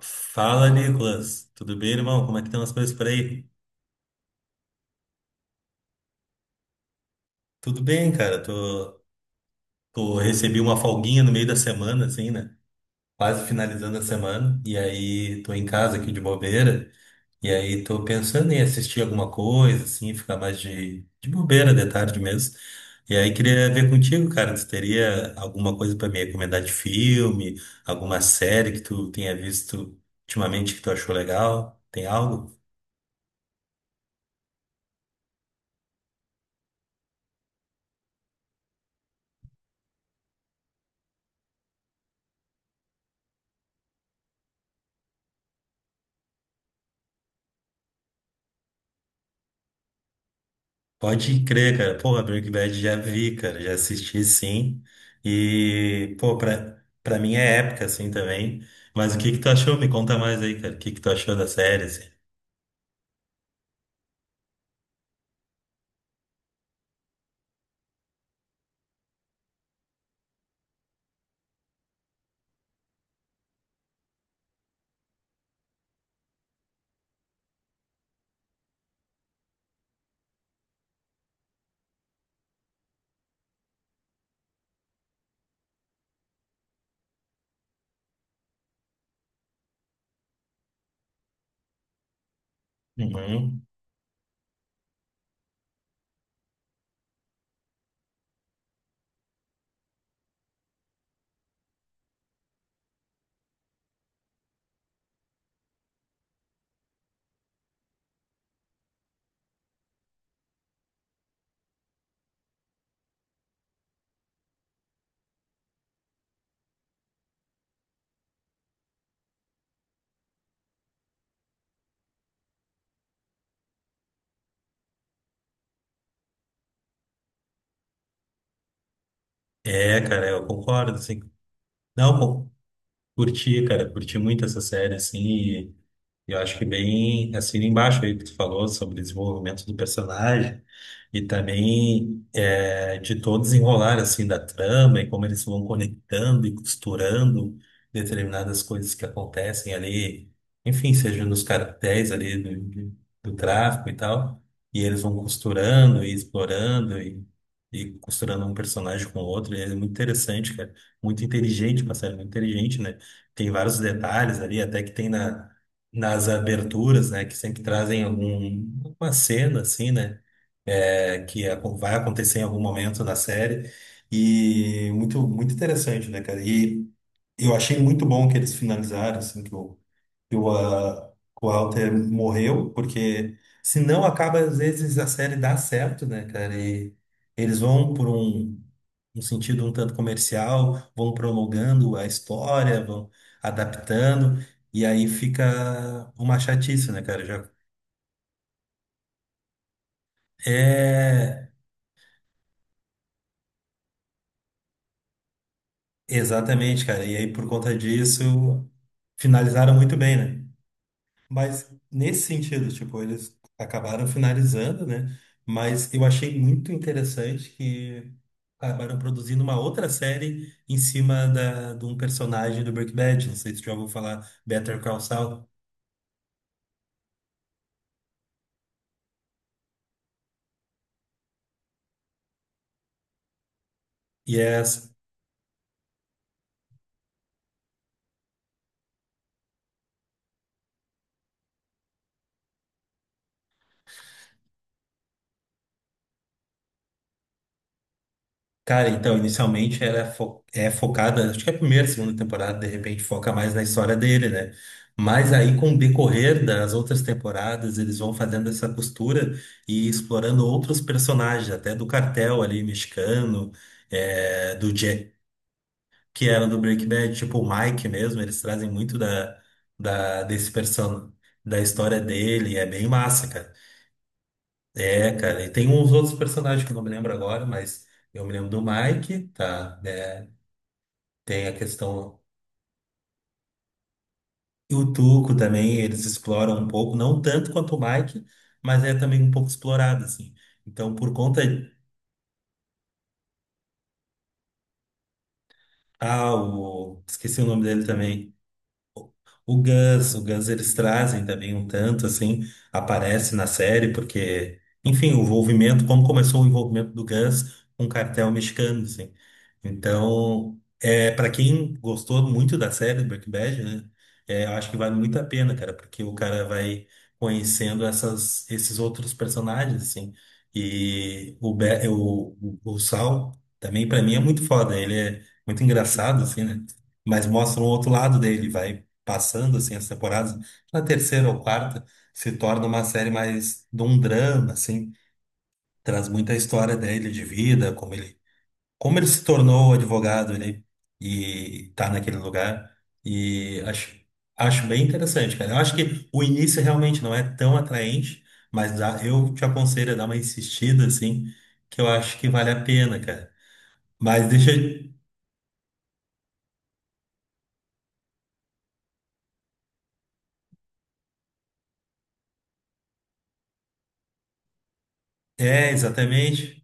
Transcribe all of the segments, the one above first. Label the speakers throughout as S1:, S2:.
S1: Fala, Nicolas. Tudo bem, irmão? Como é que estão as coisas por aí? Tudo bem, cara. Tô, recebi uma folguinha no meio da semana, assim, né? Quase finalizando a semana. E aí tô em casa aqui de bobeira. E aí tô pensando em assistir alguma coisa, assim, ficar mais de bobeira de tarde mesmo. E aí queria ver contigo, cara, se teria alguma coisa pra me recomendar de filme, alguma série que tu tenha visto ultimamente que tu achou legal? Tem algo? Pode crer, cara. Porra, Breaking Bad já vi, cara. Já assisti, sim. E, pô, pra mim é época, assim, também. Mas o que que tu achou? Me conta mais aí, cara. O que que tu achou da série, assim? Uhum. É, cara, eu concordo, assim. Não, pô, curti, cara. Curti muito essa série, assim. E eu acho que bem assim embaixo aí que tu falou sobre desenvolvimento do personagem e também é, de todo desenrolar assim da trama e como eles vão conectando e costurando determinadas coisas que acontecem ali, enfim, seja nos cartéis ali do tráfico e tal, e eles vão costurando e explorando e costurando um personagem com o outro, e é muito interessante, cara, muito inteligente, uma série muito inteligente, né? Tem vários detalhes ali, até que tem na nas aberturas, né, que sempre trazem algum, alguma cena, assim, né, é, vai acontecer em algum momento na série, e muito, muito interessante, né, cara, e eu achei muito bom que eles finalizaram, assim, que o, ah, que o Walter morreu, porque se não acaba, às vezes a série dá certo, né, cara? E eles vão por um sentido um tanto comercial, vão prolongando a história, vão adaptando, e aí fica uma chatice, né, cara? Já é exatamente, cara. E aí por conta disso finalizaram muito bem, né? Mas nesse sentido, tipo, eles acabaram finalizando, né? Mas eu achei muito interessante que acabaram produzindo uma outra série em cima de um personagem do Breaking Bad. Não sei se já ouviu falar Better Call Saul. E é. Cara, então, inicialmente ela é, é focada, acho que é a primeira, segunda temporada, de repente foca mais na história dele, né? Mas aí, com o decorrer das outras temporadas, eles vão fazendo essa costura e explorando outros personagens, até do cartel ali mexicano, é, do Jack, que era do Breaking Bad, tipo o Mike mesmo, eles trazem muito da desse person, da história dele, é bem massa, cara. É, cara, e tem uns outros personagens que eu não me lembro agora, mas eu me lembro do Mike, tá? né? Tem a questão. E o Tuco também, eles exploram um pouco, não tanto quanto o Mike, mas é também um pouco explorado, assim. Então, por conta. Ah, o... esqueci o nome dele também. O Gus, o Guns eles trazem também um tanto, assim, aparece na série, porque, enfim, o envolvimento, como começou o envolvimento do Guns com o cartel mexicano, assim. Então, é, para quem gostou muito da série do Breaking Bad, né, é, eu acho que vale muito a pena, cara, porque o cara vai conhecendo essas, esses outros personagens, assim. E o, o Saul também, para mim, é muito foda. Ele é muito engraçado, assim, né? Mas mostra um outro lado dele, vai passando assim as temporadas, na terceira ou quarta se torna uma série mais de um drama, assim, traz muita história dele de vida, como ele se tornou advogado, ele e tá naquele lugar e acho bem interessante, cara. Eu acho que o início realmente não é tão atraente, mas eu te aconselho a dar uma insistida assim, que eu acho que vale a pena, cara. Mas deixa eu- é, exatamente.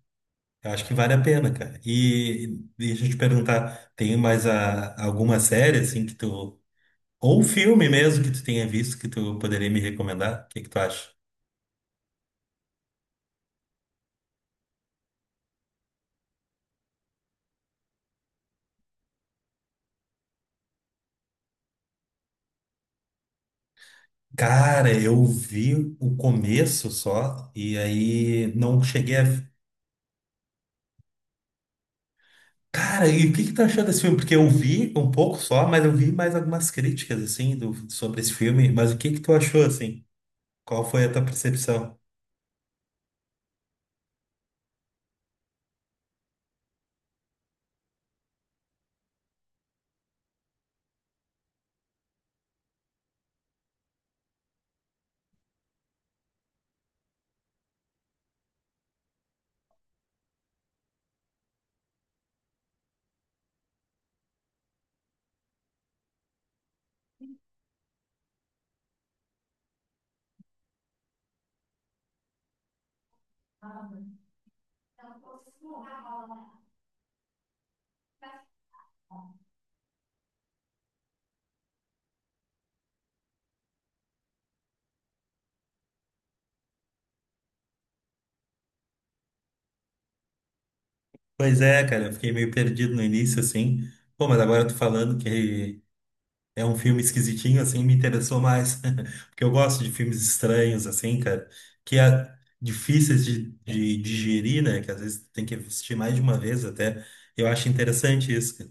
S1: Eu acho que vale a pena, cara. E deixa eu te perguntar, tem mais a, alguma série assim que tu ou um filme mesmo que tu tenha visto que tu poderia me recomendar? O que que tu acha? Cara, eu vi o começo só e aí não cheguei a. Cara, e o que que tu achou desse filme? Porque eu vi um pouco só, mas eu vi mais algumas críticas assim sobre esse filme. Mas o que que tu achou assim? Qual foi a tua percepção? Pois é, cara, eu fiquei meio perdido no início assim. Pô, mas agora eu tô falando que é um filme esquisitinho, assim, me interessou mais. Porque eu gosto de filmes estranhos, assim, cara, que é difíceis de digerir, né? Que às vezes tem que assistir mais de uma vez até. Eu acho interessante isso, cara.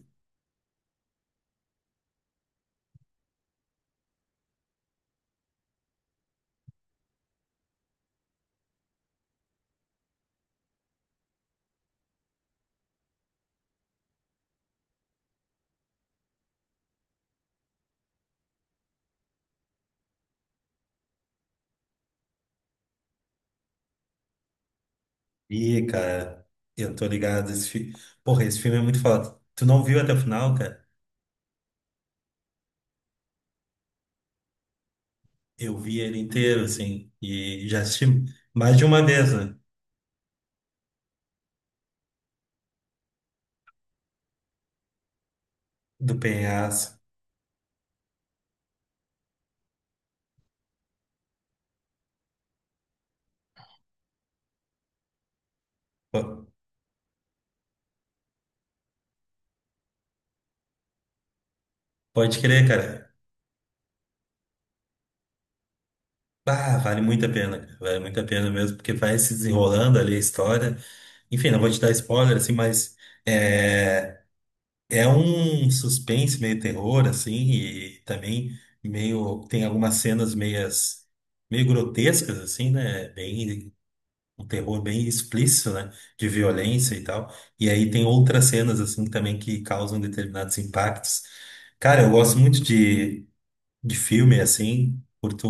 S1: Ih, cara, eu tô ligado. Porra, esse filme é muito foda. Tu não viu até o final, cara? Eu vi ele inteiro, assim, e já assisti mais de uma vez, né? Do Penhaço. Po- Pode crer, cara. Ah, vale muito a pena, cara. Vale muito a pena mesmo, porque vai se desenrolando ali a história. Enfim, não vou te dar spoiler, assim, mas é, é um suspense meio terror, assim, e também meio, tem algumas cenas meias, meio grotescas, assim, né? Bem, um terror bem explícito, né? De violência e tal. E aí tem outras cenas, assim, também que causam determinados impactos. Cara, eu gosto muito de filme, assim, curto,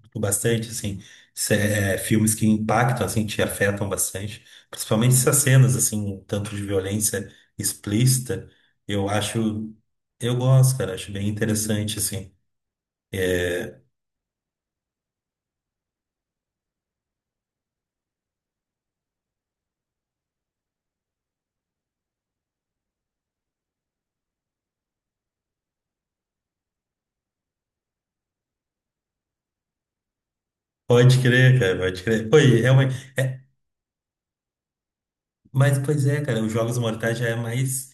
S1: curto bastante, assim, é, filmes que impactam, assim, te afetam bastante, principalmente essas cenas, assim, um tanto de violência explícita, eu acho, eu gosto, cara, acho bem interessante, assim. É, Pode crer, cara, pode crer. Pô, e realmente, mas, pois é, cara, os Jogos Mortais já é mais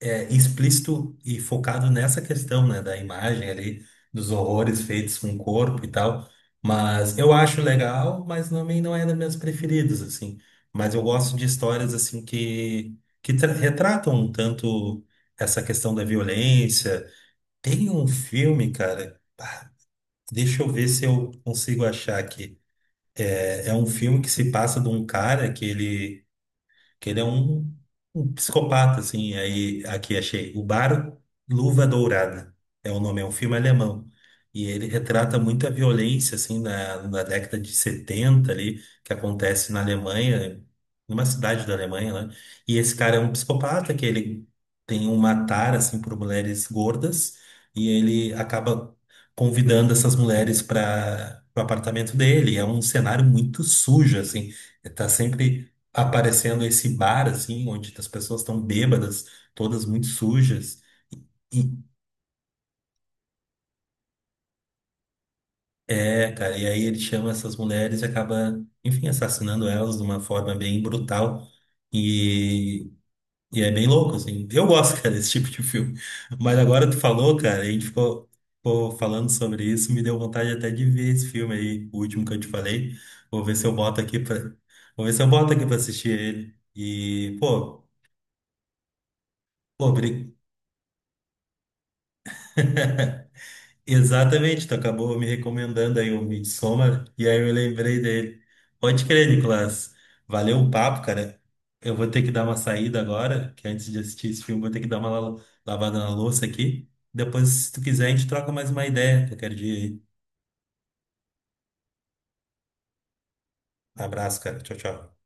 S1: é, explícito e focado nessa questão, né, da imagem ali, dos horrores feitos com o corpo e tal. Mas eu acho legal, mas também não é dos meus preferidos, assim. Mas eu gosto de histórias, assim, que, retratam um tanto essa questão da violência. Tem um filme, cara, deixa eu ver se eu consigo achar aqui. É, é um filme que se passa de um cara que ele é um, um psicopata, assim. Aí aqui achei o Bar Luva Dourada é o nome, é um filme alemão. E ele retrata muita violência, assim, na década de 70 ali, que acontece na Alemanha, numa cidade da Alemanha, né? E esse cara é um psicopata, que ele tem um matar, assim, por mulheres gordas, e ele acaba convidando essas mulheres para o apartamento dele. É um cenário muito sujo, assim. Tá sempre aparecendo esse bar, assim, onde as pessoas estão bêbadas, todas muito sujas. E, é, cara, e aí ele chama essas mulheres e acaba, enfim, assassinando elas de uma forma bem brutal. E, e é bem louco, assim. Eu gosto, cara, desse tipo de filme. Mas agora tu falou, cara, a gente ficou, ficou falando sobre isso, me deu vontade até de ver esse filme aí, o último que eu te falei. Vou ver se eu boto aqui pra, vou ver se eu boto aqui pra assistir ele. E, pô, pô, obrigado. Exatamente, tu acabou me recomendando aí o Midsommar e aí eu lembrei dele. Pode crer, Nicolas. Valeu o papo, cara. Eu vou ter que dar uma saída agora, que antes de assistir esse filme, vou ter que dar uma lavada na louça aqui. Depois, se tu quiser, a gente troca mais uma ideia qualquer dia aí. Abraço, cara. Tchau, tchau.